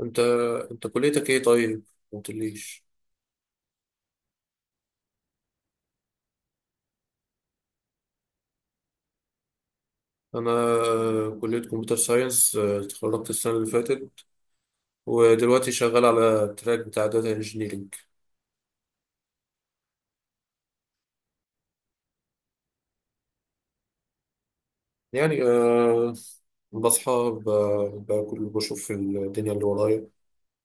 انت انت كليتك ايه؟ طيب ما قلتليش. انا كلية كمبيوتر ساينس، اتخرجت السنة اللي فاتت ودلوقتي شغال على التراك بتاع داتا انجينيرنج. يعني بصحى، باكل، بشوف في الدنيا اللي ورايا.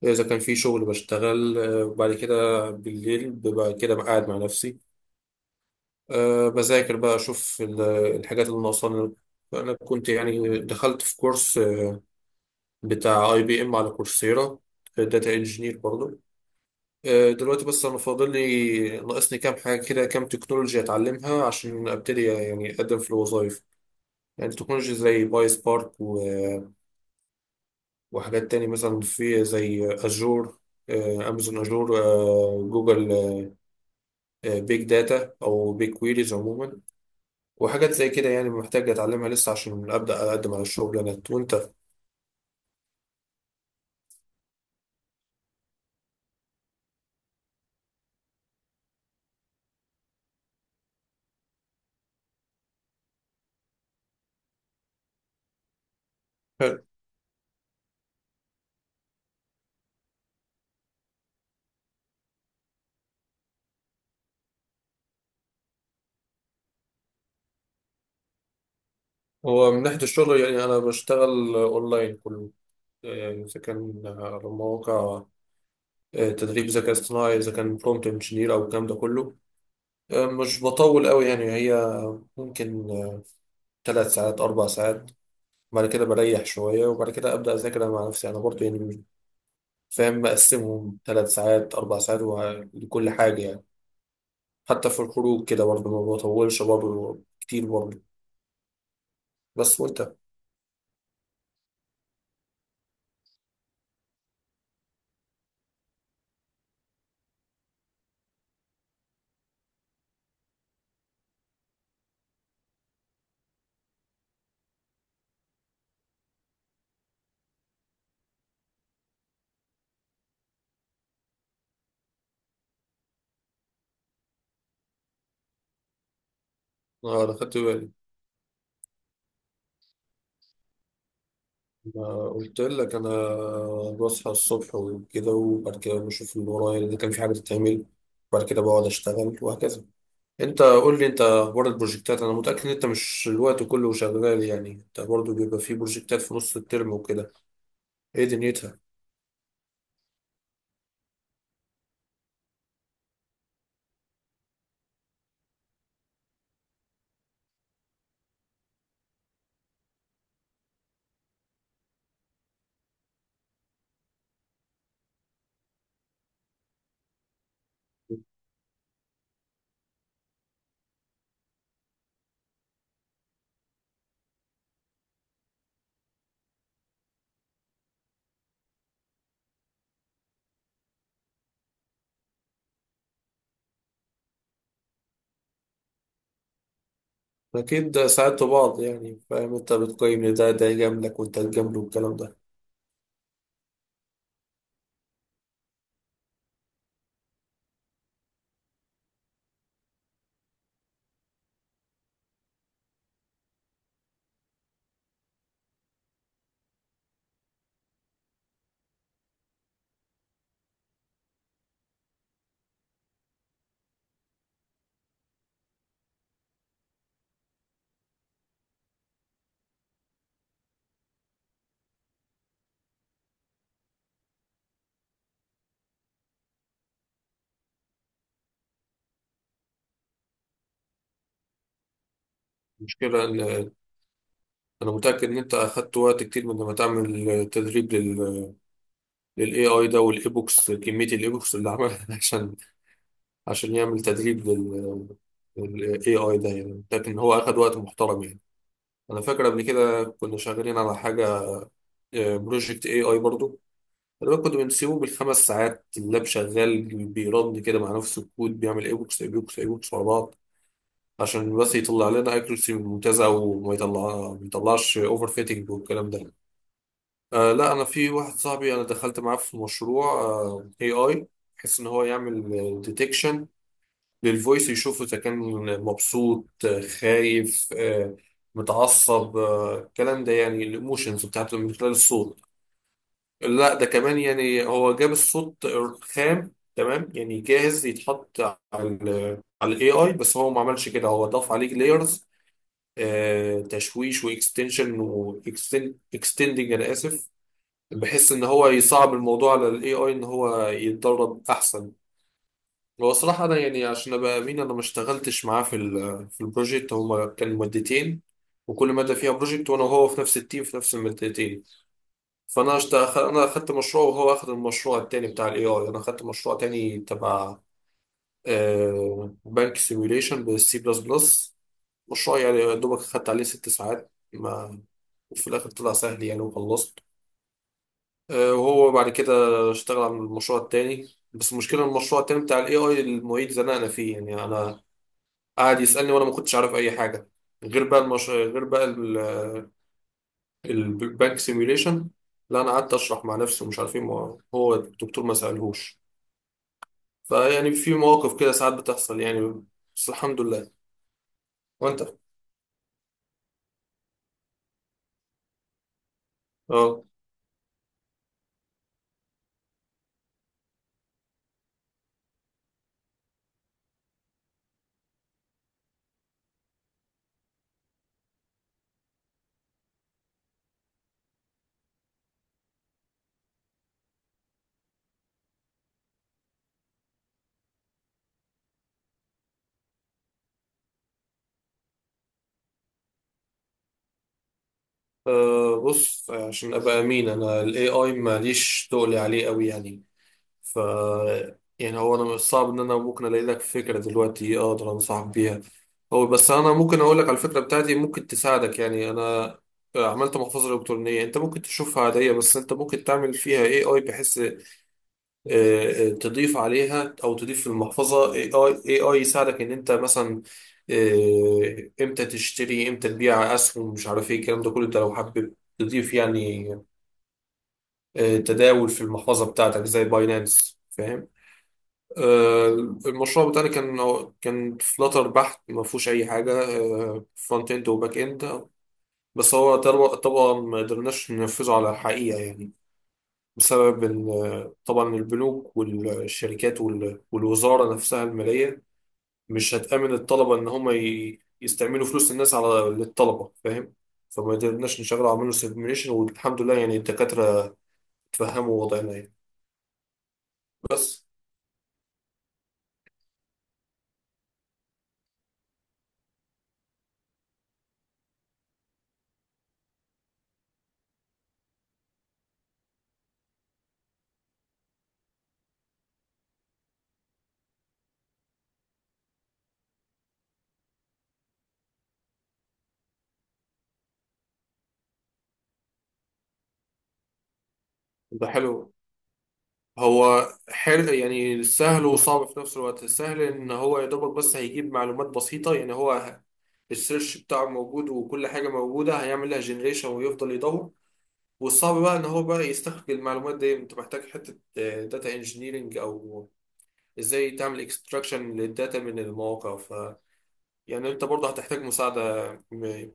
اذا كان في شغل بشتغل، وبعد كده بالليل ببقى كده قاعد مع نفسي. بذاكر بقى، اشوف الحاجات اللي ناقصاني. انا كنت يعني دخلت في كورس، بتاع اي بي ام على كورسيرا، داتا انجينير برضه. دلوقتي بس انا فاضل لي، ناقصني كام حاجه كده، كام تكنولوجيا اتعلمها عشان ابتدي يعني اقدم في الوظائف. يعني تكنولوجيا زي باي سبارك وحاجات تاني مثلا في، زي اجور، امازون اجور، جوجل، بيج داتا او بيج كويريز عموما. وحاجات زي كده، يعني محتاج اتعلمها لسه عشان ابدا اقدم على الشغلانات. وانت؟ حلو. هو من ناحيه الشغل يعني انا بشتغل اونلاين كله. يعني اذا كان على مواقع تدريب ذكاء اصطناعي، اذا كان برومبت انجينير او الكلام ده كله، مش بطول قوي يعني. هي ممكن 3 ساعات، 4 ساعات. بعد كده بريح شويه، وبعد كده ابدا اذاكر أنا مع نفسي. انا برضه يعني فاهم، مقسمهم 3 ساعات، اربع ساعات لكل حاجه يعني. حتى في الخروج كده برضه ما بطولش برضه كتير برضه. بس. وانت؟ اه انا خدت بالي. ما قلت لك، انا بصحى الصبح وكده، وبعد كده بشوف اللي ورايا اذا كان في حاجه تتعمل، وبعد كده بقعد اشتغل وهكذا. انت قول لي، انت اخبار البروجكتات؟ انا متاكد ان انت مش الوقت كله شغال، يعني انت برضو بيبقى في بروجكتات في نص الترم وكده. ايه دنيتها؟ اكيد ساعدتوا بعض، يعني فاهم انت بتقيم ان ده يجاملك وانت تجامله والكلام ده. المشكله ان انا متاكد ان انت اخدت وقت كتير من لما تعمل تدريب للاي اي ده، والايبوكس، كميه الايبوكس اللي عملها عشان، يعمل تدريب للاي اي ده. يعني متاكد ان هو اخد وقت محترم يعني. انا فاكر قبل كده كنا شغالين على حاجه، بروجكت اي اي برضو. انا كنت بنسيبه بالخمس ساعات، اللاب شغال، بيرن كده مع نفس الكود، بيعمل اي بوكس ورا بعض، عشان بس يطلع لنا اكيرسي ممتازه، وما يطلع، ما يطلعش اوفر فيتنج والكلام ده. آه لا، انا في واحد صاحبي انا دخلت معاه في مشروع اي اي، بحيث ان هو يعمل ديتكشن للفويس، يشوف اذا كان مبسوط، خايف، متعصب، الكلام ده، يعني الايموشنز بتاعته من خلال الصوت. لا ده كمان، يعني هو جاب الصوت خام تمام، يعني جاهز يتحط على ال على الاي اي. بس هو ما عملش كده، هو ضاف عليه لايرز تشويش، واكستندنج، انا اسف، بحيث ان هو يصعب الموضوع على الاي اي ان هو يتدرب احسن. هو صراحة، انا يعني عشان ابقى امين، انا ما اشتغلتش معاه في البروجكت. هما كان مادتين، وكل مادة فيها بروجكت، وانا وهو في نفس التيم في نفس المادتين. انا اخدت مشروع وهو اخد المشروع التاني بتاع الاي اي. انا اخدت مشروع تاني تبع بنك سيميوليشن بالسي بلس بلس. مشروع يعني يا دوبك اخدت عليه 6 ساعات، ما وفي الاخر طلع سهل يعني وخلصت. وهو بعد كده اشتغل على المشروع التاني. بس المشكله إن المشروع التاني بتاع الاي اي، المعيد زنقنا فيه. يعني انا قعد يسالني وانا ما كنتش عارف اي حاجه غير بقى، البانك سيميوليشن. لا انا قعدت اشرح مع نفسي ومش عارف ايه، هو الدكتور ما سالهوش. فيعني في مواقف كده ساعات بتحصل يعني. بس الحمد لله. وانت؟ اه. بص، عشان ابقى امين، انا الاي اي ماليش تقلي عليه قوي يعني. ف يعني هو انا مش صعب ان انا ممكن الاقي لك فكره دلوقتي اقدر انصحك بيها. هو بس انا ممكن اقول لك على الفكره بتاعتي ممكن تساعدك. يعني انا عملت محفظه الكترونيه. انت ممكن تشوفها عاديه، بس انت ممكن تعمل فيها اي اي، بحيث تضيف عليها، او تضيف في المحفظه اي اي AI يساعدك ان انت مثلا امتى تشتري، امتى تبيع اسهم، مش عارف ايه الكلام ده كله. انت لو حابب تضيف، يعني تداول في المحفظه بتاعتك زي باينانس فاهم. آه، المشروع بتاعنا كان، فلاتر بحت، ما فيهوش اي حاجه. فرونت اند وباك اند. بس هو طبعا، ما قدرناش ننفذه على الحقيقه، يعني بسبب طبعا البنوك والشركات والوزارة نفسها المالية مش هتأمن الطلبة إن هم يستعملوا فلوس الناس على للطلبة فاهم. فما قدرناش نشغل، عملنا سيميوليشن والحمد لله، يعني الدكاترة فهموا وضعنا يعني. بس. ده حلو. هو حلو، يعني سهل وصعب في نفس الوقت. سهل إن هو يا دوبك بس هيجيب معلومات بسيطة. يعني هو السيرش بتاعه موجود وكل حاجة موجودة، هيعمل لها جنريشن ويفضل يدور. والصعب بقى ان هو بقى يستخرج المعلومات دي. انت محتاج حته داتا انجينيرنج، او ازاي تعمل اكستراكشن للداتا من المواقع. يعني انت برضه هتحتاج مساعده،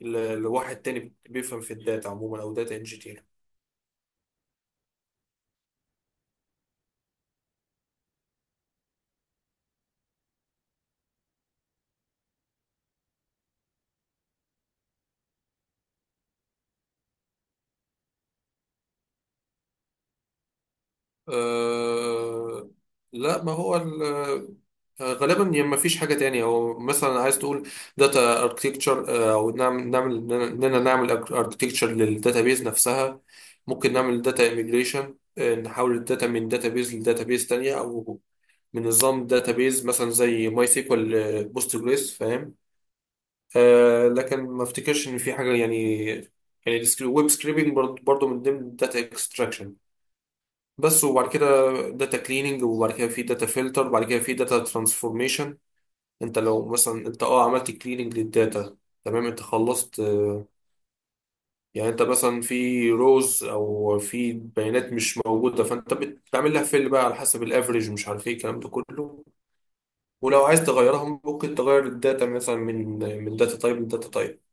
لواحد تاني بيفهم في الداتا عموما او داتا انجينير. أه لا، ما هو غالبا يعني ما فيش حاجة تانية. هو مثلا عايز تقول داتا اركتكتشر، او نعمل اننا نعمل اركتكتشر للداتابيز نفسها. ممكن نعمل داتا اميجريشن، نحول الداتا من داتابيز لداتابيز تانية، او من نظام داتابيز مثلا زي ماي سيكوال بوستجريس فاهم. أه لكن ما افتكرش ان في حاجة يعني. يعني الويب سكريبنج برضه من ضمن الداتا اكستراكشن. بس. وبعد كده داتا كليننج، وبعد كده في داتا فلتر، وبعد كده في داتا ترانسفورميشن. انت لو مثلا انت اه عملت كليننج للداتا، تمام انت خلصت. يعني انت مثلا في روز، او في بيانات مش موجوده، فانت بتعمل لها فيل بقى على حسب الافريج، مش عارف ايه الكلام ده كله. ولو عايز تغيرها ممكن تغير الداتا مثلا من داتا تايب لداتا تايب